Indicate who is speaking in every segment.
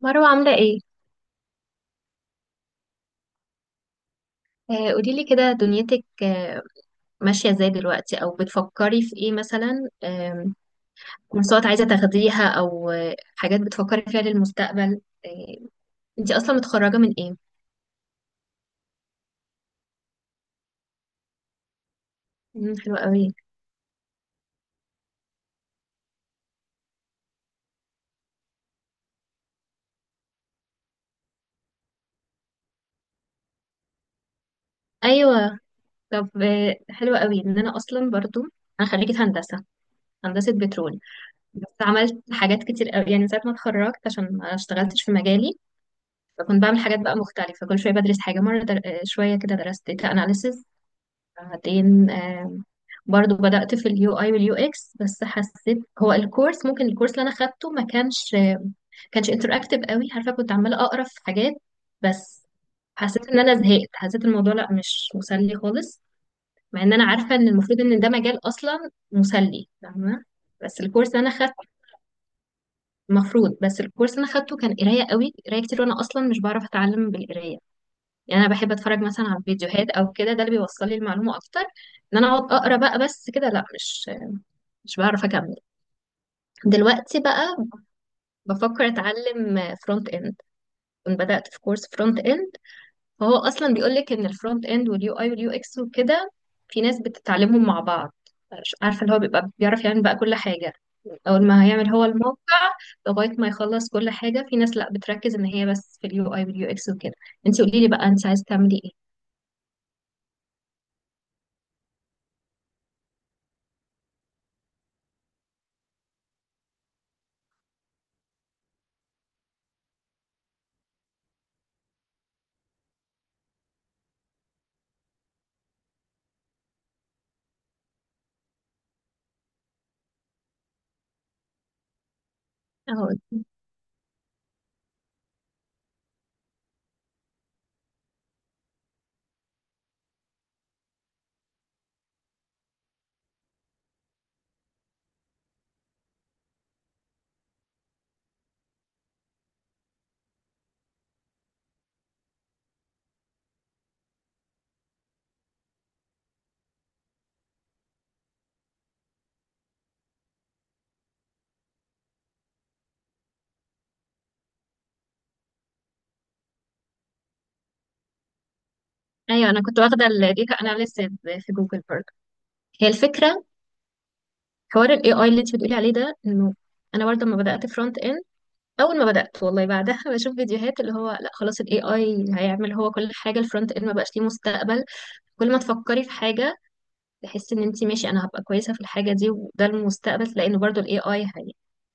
Speaker 1: مروة عاملة ايه؟ آه، قوليلي كده دنيتك. آه، ماشية ازاي دلوقتي او بتفكري في ايه مثلا؟ كورسات عايزة تاخديها او حاجات بتفكري فيها للمستقبل؟ آه، انتي اصلا متخرجة من ايه؟ حلوة قوي. ايوه، طب حلوة قوي ان انا اصلا برضو، انا خريجة هندسة، هندسة بترول. بس عملت حاجات كتير قوي يعني من ساعة ما اتخرجت عشان ما اشتغلتش في مجالي. فكنت بعمل حاجات بقى مختلفة كل شوية، بدرس حاجة مرة در... آه، شوية كده درست data analysis. بعدين برضو بدأت في اليو اي واليو اكس، بس حسيت هو الكورس، ممكن الكورس اللي انا خدته ما كانش انتراكتيف قوي. عارفه كنت عماله اقرا في حاجات بس. حسيت ان انا زهقت، حسيت الموضوع لا مش مسلي خالص، مع ان انا عارفه ان المفروض ان ده مجال اصلا مسلي فاهمه. بس الكورس اللي انا خدته، المفروض، بس الكورس اللي انا خدته كان قرايه قوي، قرايه كتير، وانا اصلا مش بعرف اتعلم بالقرايه. يعني انا بحب اتفرج مثلا على فيديوهات او كده، ده اللي بيوصل لي المعلومه اكتر. ان انا اقعد اقرا بقى بس كده لا، مش بعرف اكمل. دلوقتي بقى بفكر اتعلم فرونت اند. كنت بدات في كورس فرونت اند. فهو اصلا بيقول لك ان الفرونت اند واليو اي واليو اكس وكده، في ناس بتتعلمهم مع بعض، مش عارفه اللي هو بيبقى بيعرف يعمل بقى كل حاجه، اول ما هيعمل هو الموقع لغايه ما يخلص كل حاجه. في ناس لا بتركز ان هي بس في اليو اي واليو اكس وكده. انت قولي لي بقى انت عايزه تعملي ايه. اهو. ايوه، انا كنت واخده الديتا اناليسيز في جوجل برضه. هي الفكره، حوار الاي اي اللي انت بتقولي عليه ده، انه انا برضه لما بدات فرونت اند، اول ما بدات والله بعدها بشوف فيديوهات اللي هو لا خلاص الاي اي هيعمل هو كل حاجه، الفرونت اند ما بقاش ليه مستقبل. كل ما تفكري في حاجه، تحسي ان انت ماشي، انا هبقى كويسه في الحاجه دي وده المستقبل، تلاقي انه برضه الاي اي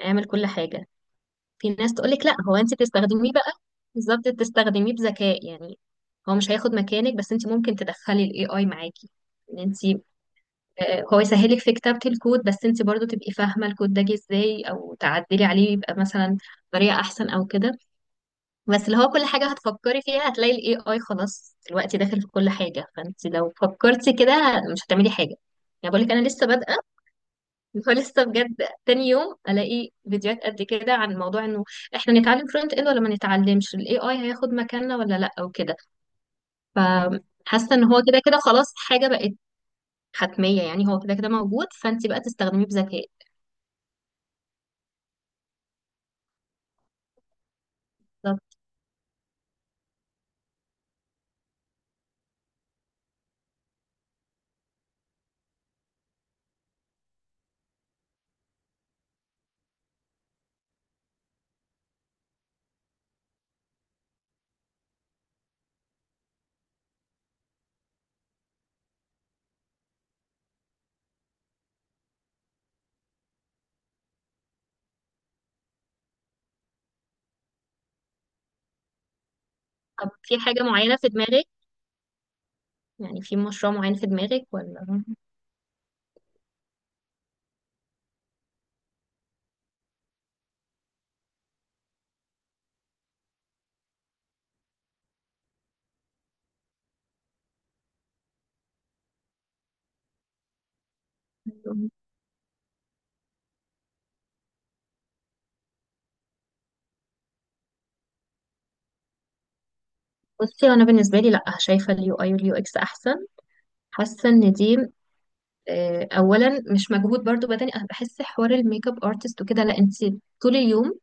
Speaker 1: هيعمل كل حاجه. في ناس تقولك لا، هو انت بتستخدميه بقى. بالظبط، تستخدميه بذكاء يعني. هو مش هياخد مكانك، بس انت ممكن تدخلي الاي اي معاكي، ان انت هو يسهلك في كتابة الكود، بس انت برضو تبقي فاهمة الكود ده جه ازاي او تعدلي عليه يبقى مثلا بطريقة احسن او كده. بس اللي هو كل حاجة هتفكري فيها هتلاقي الاي اي خلاص دلوقتي داخل في كل حاجة، فانت لو فكرتي كده مش هتعملي حاجة. يعني بقول لك انا لسه بادئة، فلسه بجد تاني يوم الاقي فيديوهات قد كده عن موضوع انه احنا نتعلم فرونت اند ولا ما نتعلمش، الاي اي هياخد مكاننا ولا لا او كده. فحاسة ان هو كده كده خلاص حاجة بقت حتمية، يعني هو كده كده موجود، فانت بقى تستخدميه بذكاء. طب طب في حاجة معينة في دماغك؟ يعني في مشروع معين في دماغك ولا؟ بصي، انا بالنسبه لي لا، شايفه اليو اي واليو اكس احسن. حاسه ان دي اولا مش مجهود برضو بدني. انا بحس حوار الميك اب ارتست وكده لا، انت طول اليوم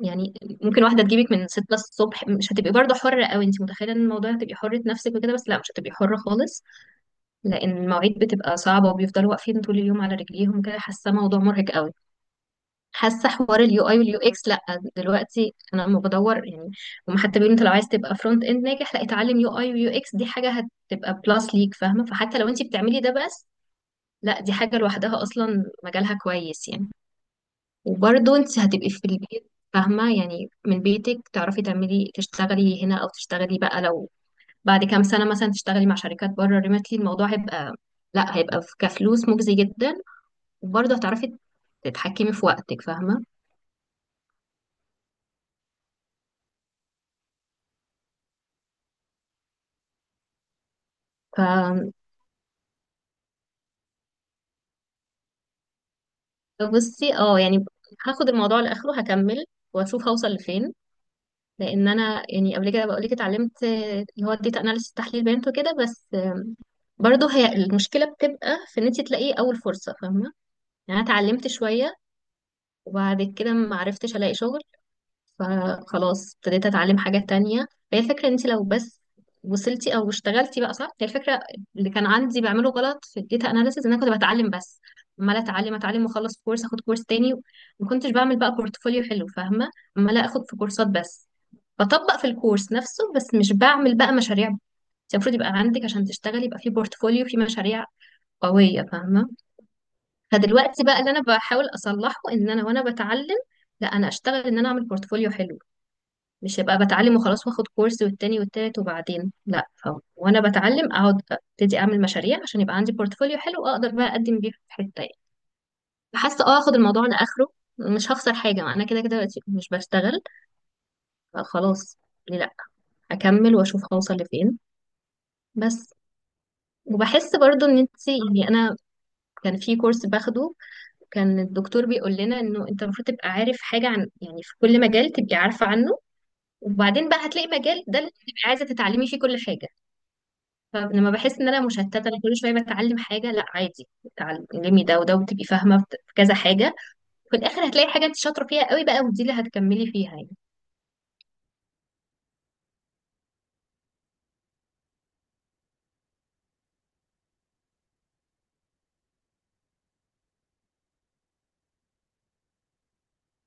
Speaker 1: يعني، ممكن واحده تجيبك من 6 الصبح، مش هتبقي برضو حره قوي. انت متخيله ان الموضوع هتبقي حره نفسك وكده، بس لا مش هتبقي حره خالص، لان المواعيد بتبقى صعبه وبيفضلوا واقفين طول اليوم على رجليهم كده. حاسه موضوع مرهق قوي. حاسه حوار اليو اي واليو اكس لا، دلوقتي انا لما بدور يعني، هم حتى بيقولوا انت لو عايز تبقى فرونت اند ناجح لا، اتعلم يو اي ويو اكس، دي حاجه هتبقى بلس ليك فاهمه. فحتى لو انت بتعملي ده بس، لا دي حاجه لوحدها اصلا مجالها كويس يعني. وبرضه انت هتبقي في البيت فاهمه، يعني من بيتك تعرفي تعملي، تشتغلي هنا او تشتغلي بقى لو بعد كام سنه مثلا تشتغلي مع شركات بره ريموتلي، الموضوع هيبقى لا هيبقى كفلوس مجزي جدا. وبرضه هتعرفي تتحكمي في وقتك فاهمه. ف بصي، اه يعني هاخد الموضوع لاخره، هكمل واشوف هوصل لفين. لان انا يعني قبل كده بقول لك اتعلمت اللي هو الداتا اناليسيس تحليل بيانات وكده، بس برضه هي المشكله بتبقى في ان انت تلاقي اول فرصه فاهمه. يعني انا اتعلمت شويه، وبعد كده ما عرفتش الاقي شغل، فخلاص ابتديت اتعلم حاجة تانية. هي الفكرة ان انت لو بس وصلتي او اشتغلتي بقى صح، هي الفكرة. اللي كان عندي بعمله غلط في الداتا اناليسيز ان انا كنت بتعلم بس، عمالة اتعلم اتعلم، واخلص كورس اخد كورس تاني، ما كنتش بعمل بقى بورتفوليو حلو فاهمة. عمالة اخد في كورسات بس، بطبق في الكورس نفسه، بس مش بعمل بقى مشاريع. انت المفروض يبقى عندك عشان تشتغلي، يبقى في بورتفوليو، في مشاريع قوية فاهمة. فدلوقتي بقى اللي انا بحاول اصلحه، ان انا وانا بتعلم لا، انا اشتغل، ان انا اعمل بورتفوليو حلو. مش هبقى بتعلم وخلاص، واخد كورس والتاني والتالت وبعدين لا. وانا بتعلم اقعد ابتدي اعمل مشاريع عشان يبقى عندي بورتفوليو حلو، اقدر بقى اقدم بيه في حته يعني. حاسه اه، اخد الموضوع لاخره، مش هخسر حاجه، ما انا كده كده دلوقتي مش بشتغل. فخلاص، ليه لا؟ اكمل واشوف هوصل لفين بس. وبحس برضو ان انت يعني، انا كان في كورس باخده، كان الدكتور بيقول لنا انه انت المفروض تبقى عارف حاجه عن، يعني في كل مجال تبقي عارفه عنه، وبعدين بقى هتلاقي مجال ده اللي تبقي عايزه تتعلمي فيه كل حاجه. فلما بحس ان انا مشتته، انا كل شويه بتعلم حاجه، لا عادي اتعلمي ده وده وتبقي فاهمه في كذا حاجه، في الاخر هتلاقي حاجه انت شاطره فيها قوي بقى، ودي اللي هتكملي فيها يعني.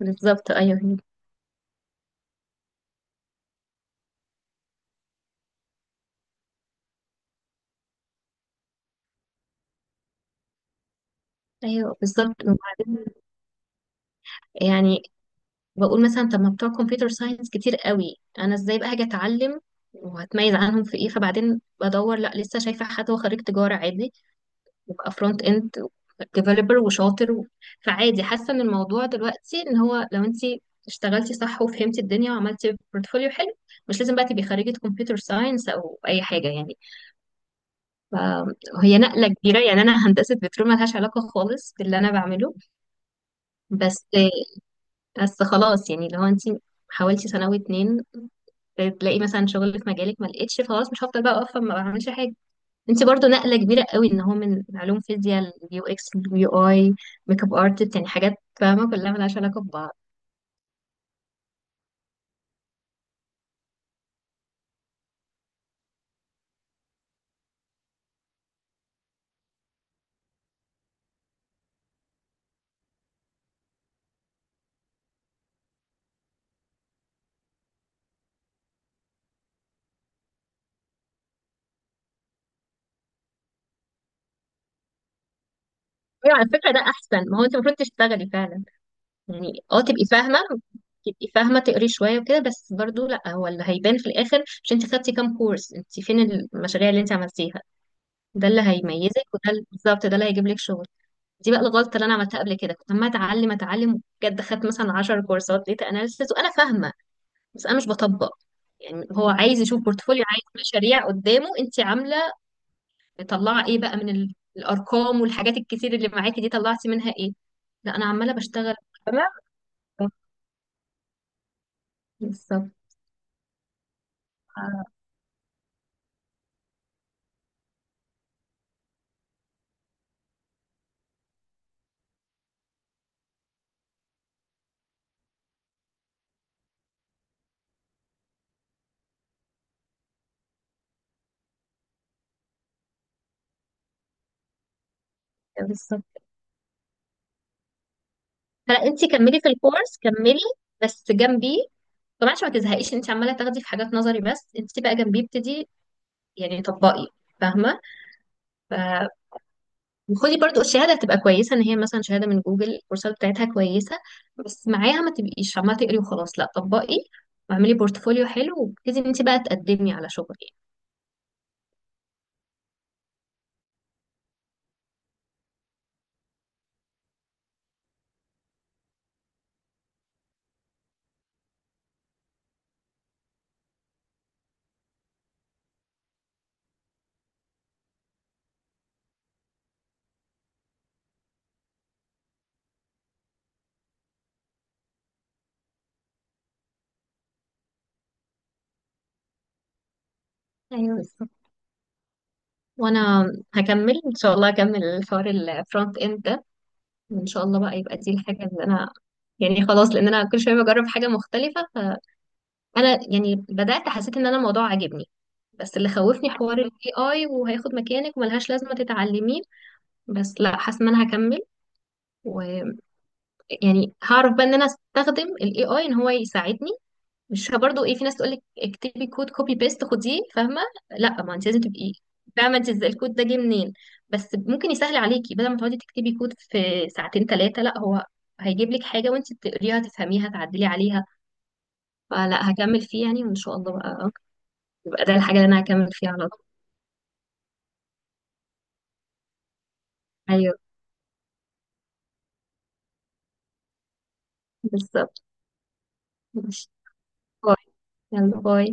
Speaker 1: بالظبط ايوه. ايوه بالظبط. وبعدين يعني بقول مثلا طب ما بتوع كمبيوتر ساينس كتير قوي، انا ازاي بقى هاجي اتعلم وهتميز عنهم في ايه؟ فبعدين بدور لا، لسه شايفه حد هو خريج تجاره عادي وابقى فرونت اند ديفلوبر وشاطر و... فعادي. حاسه ان الموضوع دلوقتي ان هو لو انت اشتغلتي صح وفهمتي الدنيا وعملتي بورتفوليو حلو، مش لازم بقى تبقي خريجه كمبيوتر ساينس او اي حاجه يعني. فهي نقله كبيره يعني، انا هندسه بترول ملهاش علاقه خالص باللي انا بعمله. بس بس خلاص يعني، لو انت حاولتي سنه واتنين تلاقي مثلا شغل في مجالك، ما لقيتش، خلاص مش هفضل بقى واقفه ما بعملش حاجه. انت برضو نقلة كبيرة قوي ان هو من علوم فيزياء، اليو اكس اليو اي، ميك اب ارتست، يعني حاجات فاهمة كلها ملهاش علاقة ببعض. يعني على فكرة ده احسن، ما هو انت المفروض تشتغلي فعلا يعني. اه تبقي فاهمة، تبقي فاهمة، تقري شوية وكده بس، برضو لا، هو اللي هيبان في الاخر مش انت خدتي كام كورس، انت فين المشاريع اللي انت عملتيها. ده اللي هيميزك، وده بالظبط ده اللي هيجيب لك شغل. دي بقى الغلطة اللي انا عملتها قبل كده، كنت عمالة اتعلم اتعلم بجد، خدت مثلا 10 كورسات داتا اناليسيس وانا فاهمة، بس انا مش بطبق. يعني هو عايز يشوف بورتفوليو، عايز مشاريع قدامه انت عامله، مطلعه ايه بقى من الارقام والحاجات الكتير اللي معاكي دي، طلعتي منها ايه؟ لا انا عماله بشتغل. تمام، بالظبط. آه، بالظبط. فلا انت كملي في الكورس، كملي، بس جنبيه طبعا عشان ما تزهقيش. انت عماله تاخدي في حاجات نظري بس، انت بقى جنبيه ابتدي يعني، طبقي فاهمه. وخدي برضو الشهاده، هتبقى كويسه ان هي مثلا شهاده من جوجل، الكورسات بتاعتها كويسه. بس معاها ما تبقيش عماله تقري وخلاص، لا طبقي واعملي بورتفوليو حلو، وابتدي انت بقى تقدمي على شغل. يعني ايوه، بالظبط. وانا هكمل ان شاء الله، هكمل الحوار الفرونت اند ده، وان شاء الله بقى يبقى دي الحاجه اللي انا يعني خلاص، لان انا كل شويه بجرب حاجه مختلفه. فانا يعني بدات حسيت ان انا الموضوع عاجبني، بس اللي خوفني حوار الاي اي وهياخد مكانك وملهاش لازمه تتعلميه. بس لا، حاسه ان انا هكمل، و يعني هعرف بقى ان انا استخدم الاي اي ان هو يساعدني، مش برضو ايه، في ناس تقول لك اكتبي كود كوبي بيست خديه فاهمه، لا ما انت لازم تبقي فاهمه انت ازاي الكود ده جه منين، بس ممكن يسهل عليكي بدل ما تقعدي تكتبي كود في ساعتين ثلاثه، لا هو هيجيب لك حاجه وانت بتقريها تفهميها تعدلي عليها. فلا هكمل فيه يعني، وان شاء الله بقى يبقى ده الحاجه اللي انا هكمل فيها على طول. ايوه، بالظبط. ماشي. باي. يلا باي.